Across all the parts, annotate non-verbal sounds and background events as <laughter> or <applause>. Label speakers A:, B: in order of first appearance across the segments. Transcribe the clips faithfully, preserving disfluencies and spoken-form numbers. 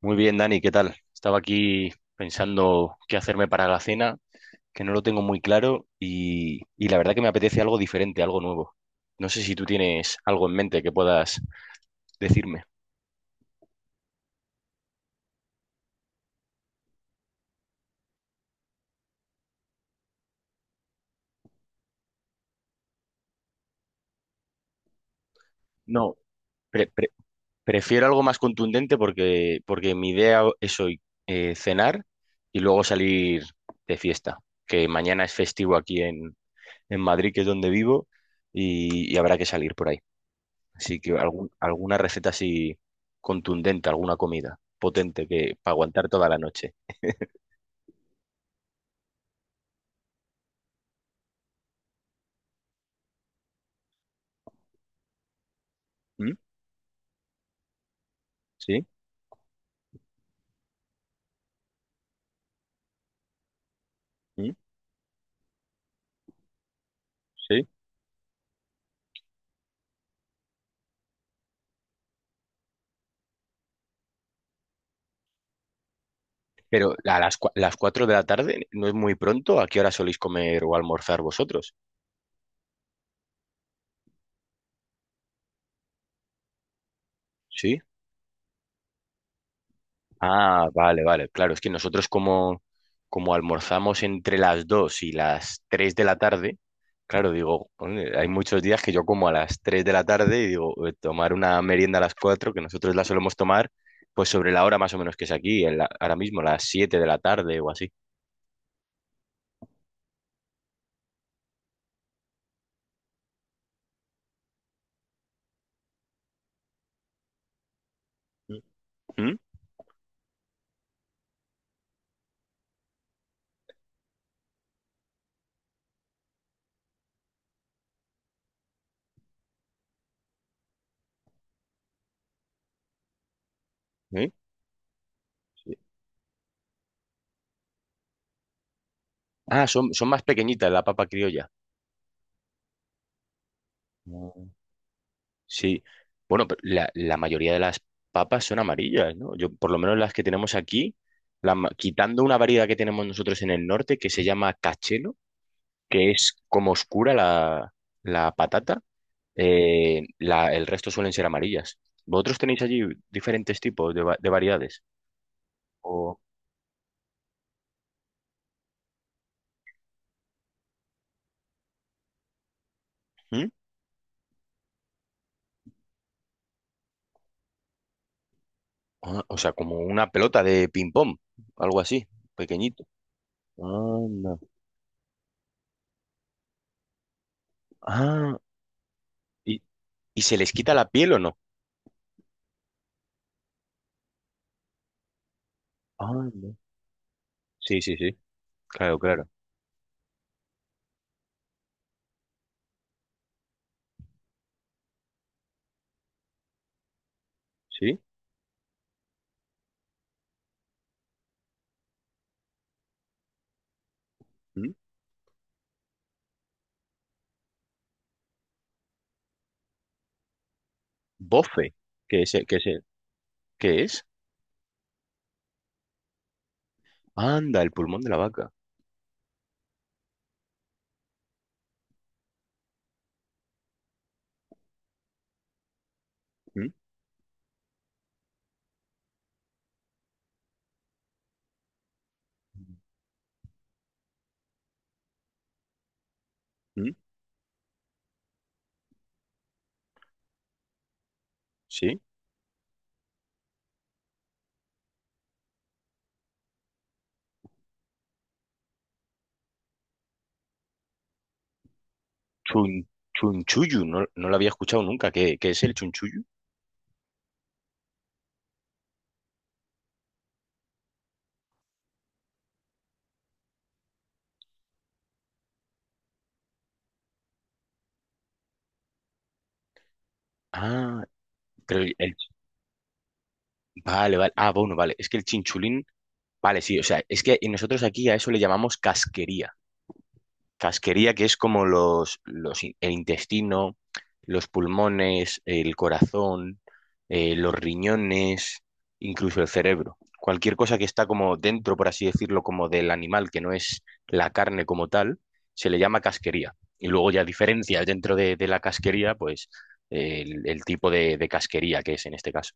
A: Muy bien, Dani, ¿qué tal? Estaba aquí pensando qué hacerme para la cena, que no lo tengo muy claro y, y la verdad que me apetece algo diferente, algo nuevo. No sé si tú tienes algo en mente que puedas decirme. No, Pre- pre- prefiero algo más contundente porque, porque mi idea es hoy eh, cenar y luego salir de fiesta, que mañana es festivo aquí en, en Madrid, que es donde vivo, y, y habrá que salir por ahí. Así que algún- alguna receta así contundente, alguna comida potente que para aguantar toda la noche. ¿Mm? ¿Sí? ¿Mm? ¿Sí? Pero a las, cua- las cuatro de la tarde no es muy pronto. ¿A qué hora soléis comer o almorzar vosotros? ¿Sí? Ah, vale, vale. Claro, es que nosotros como, como almorzamos entre las dos y las tres de la tarde, claro, digo, "Joder, hay muchos días que yo como a las tres de la tarde y digo, eh, tomar una merienda a las cuatro, que nosotros la solemos tomar, pues sobre la hora más o menos que es aquí, en la- ahora mismo, las siete de la tarde o así. ¿Mm? ¿Mm? ¿Sí? Ah, son, son más pequeñitas la papa criolla. Sí, bueno, pero la, la mayoría de las papas son amarillas, ¿no? Yo, por lo menos las que tenemos aquí, la ma- quitando una variedad que tenemos nosotros en el norte que se llama cachelo, que es como oscura la, la patata, eh, la- el resto suelen ser amarillas. ¿Vosotros tenéis allí diferentes tipos de, va- de variedades? O, ¿mm? Ah, o sea, como una pelota de ping-pong, algo así, pequeñito. Anda. Ah, ¿y, y se les quita la piel o no? Anda. Sí, sí, sí. Claro, claro. ¿Sí? ¿Mm? Bofe, que es, el- que es, el- que es, anda, el pulmón de la vaca. ¿Mm? ¿Mm? ¿Sí? Chun, chunchullu, no, no lo había escuchado nunca. ¿Qué, qué es el chunchullu? Ah, pero el, el- vale, vale. Ah, bueno, vale. Es que el chinchulín, vale, sí, o sea, es que nosotros aquí a eso le llamamos casquería. Casquería, que es como los, los, in- el intestino, los pulmones, el corazón, eh, los riñones, incluso el cerebro. Cualquier cosa que está como dentro, por así decirlo, como del animal, que no es la carne como tal, se le llama casquería. Y luego ya diferencia dentro de, de la casquería, pues eh, el, el tipo de, de casquería que es en este caso.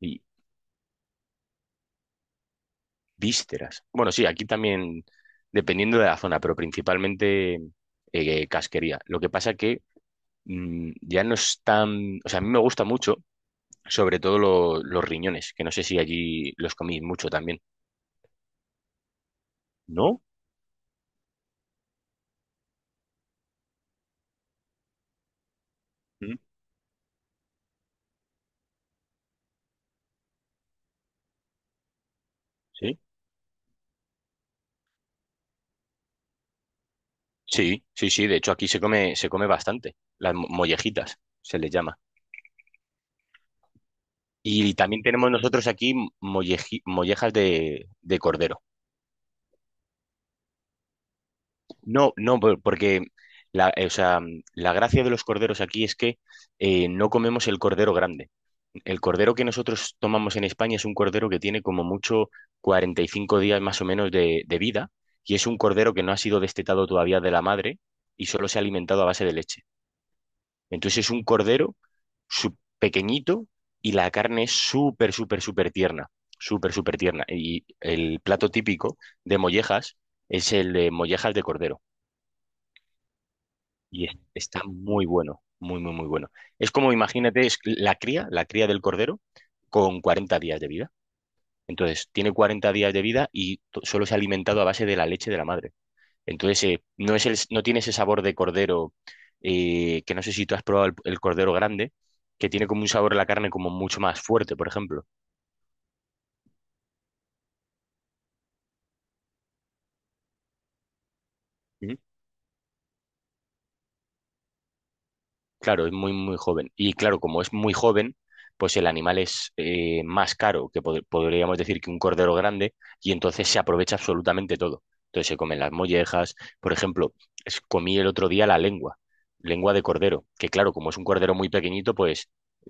A: Y vísceras. Bueno, sí, aquí también, dependiendo de la zona, pero principalmente eh, casquería. Lo que pasa que mm, ya no es tan... O sea, a mí me gusta mucho, sobre todo lo- los riñones, que no sé si allí los coméis mucho también. ¿No? Mm. Sí. Sí, sí, sí. De hecho, aquí se come, se come bastante. Las mo- mollejitas, se les llama. Y también tenemos nosotros aquí molleji- mollejas de, de cordero. No, no, por- porque la, eh, o sea, la gracia de los corderos aquí es que eh, no comemos el cordero grande. El cordero que nosotros tomamos en España es un cordero que tiene como mucho cuarenta y cinco días más o menos de, de vida y es un cordero que no ha sido destetado todavía de la madre y solo se ha alimentado a base de leche. Entonces es un cordero su- pequeñito y la carne es súper, súper, súper tierna, súper, súper tierna. Y el plato típico de mollejas es el de mollejas de cordero y es- está muy bueno, muy, muy, muy bueno. Es como, imagínate, es la cría, la cría del cordero con cuarenta días de vida. Entonces, tiene cuarenta días de vida y to- solo se ha alimentado a base de la leche de la madre. Entonces, eh, no es el, no tiene ese sabor de cordero, eh, que no sé si tú has probado el, el cordero grande, que tiene como un sabor a la carne como mucho más fuerte, por ejemplo. Claro, es muy, muy joven. Y claro, como es muy joven, pues el animal es eh, más caro que pod- podríamos decir que un cordero grande y entonces se aprovecha absolutamente todo. Entonces se comen las mollejas. Por ejemplo, es- comí el otro día la lengua, lengua de cordero, que claro, como es un cordero muy pequeñito, pues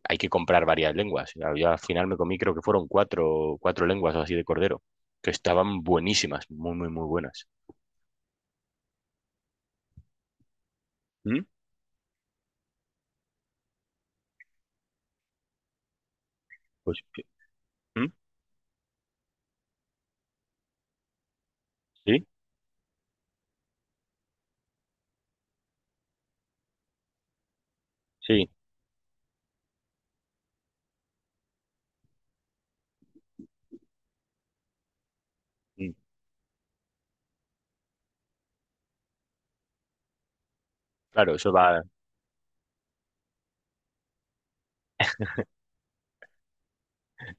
A: hay que comprar varias lenguas. Yo al final me comí, creo que fueron cuatro, cuatro lenguas o así de cordero, que estaban buenísimas, muy, muy, muy buenas. ¿Mm? Pues, ¿mm? ¿Sí? Sí. Mm. Claro, eso va.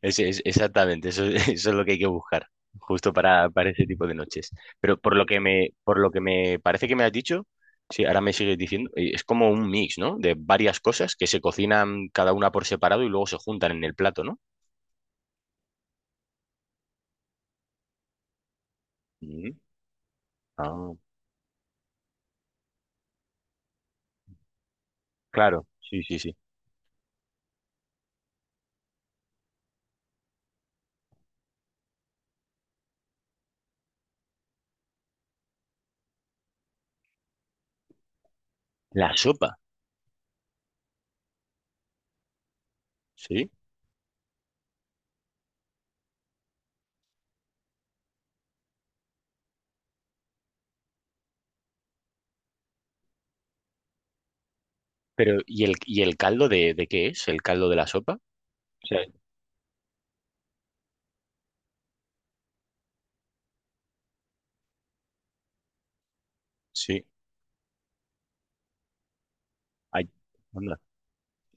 A: Es, es- exactamente, eso, <laughs> eso es lo que hay que buscar, justo para, para ese tipo de noches. Pero por lo que me, por lo que me parece que me has dicho, sí, ahora me sigues diciendo, eh, es como un mix, ¿no? De varias cosas que se cocinan cada una por separado y luego se juntan en el plato, ¿no? Mm. Ah, claro, sí, sí, sí. La sopa, sí. Pero, ¿y el, y el caldo de, de qué es? ¿El caldo de la sopa? O sea, sí. Ay, anda.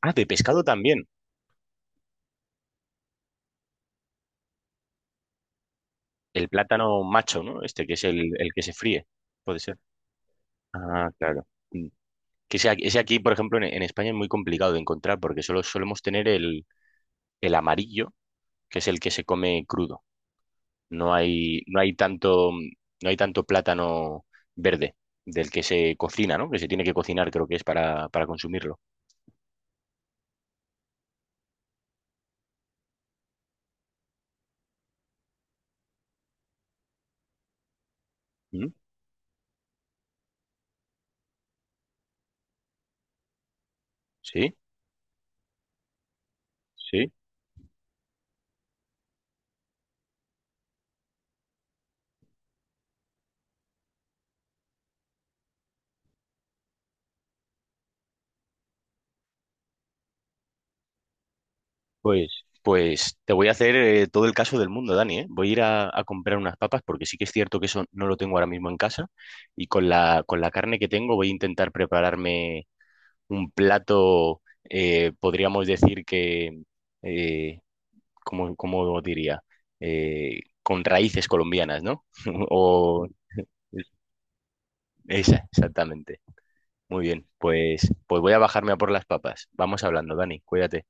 A: Ah, de pescado también. El plátano macho, ¿no? Este que es el, el que se fríe. Puede ser. Ah, claro. Mm. Que ese, aquí, ese aquí, por ejemplo, en, en España es muy complicado de encontrar porque solo solemos tener el, el amarillo, que es el que se come crudo. No hay, no hay tanto, no hay tanto plátano verde del que se cocina, ¿no? Que se tiene que cocinar, creo que es para, para consumirlo. Mm. Sí, sí. Pues, pues te voy a hacer eh, todo el caso del mundo, Dani, ¿eh? Voy a ir a, a comprar unas papas porque sí que es cierto que eso no lo tengo ahora mismo en casa y con la, con la carne que tengo voy a intentar prepararme un plato, eh, podríamos decir que, eh, ¿cómo, cómo diría? Eh, con raíces colombianas, ¿no? <laughs> O esa, exactamente. Muy bien, pues, pues voy a bajarme a por las papas. Vamos hablando, Dani, cuídate.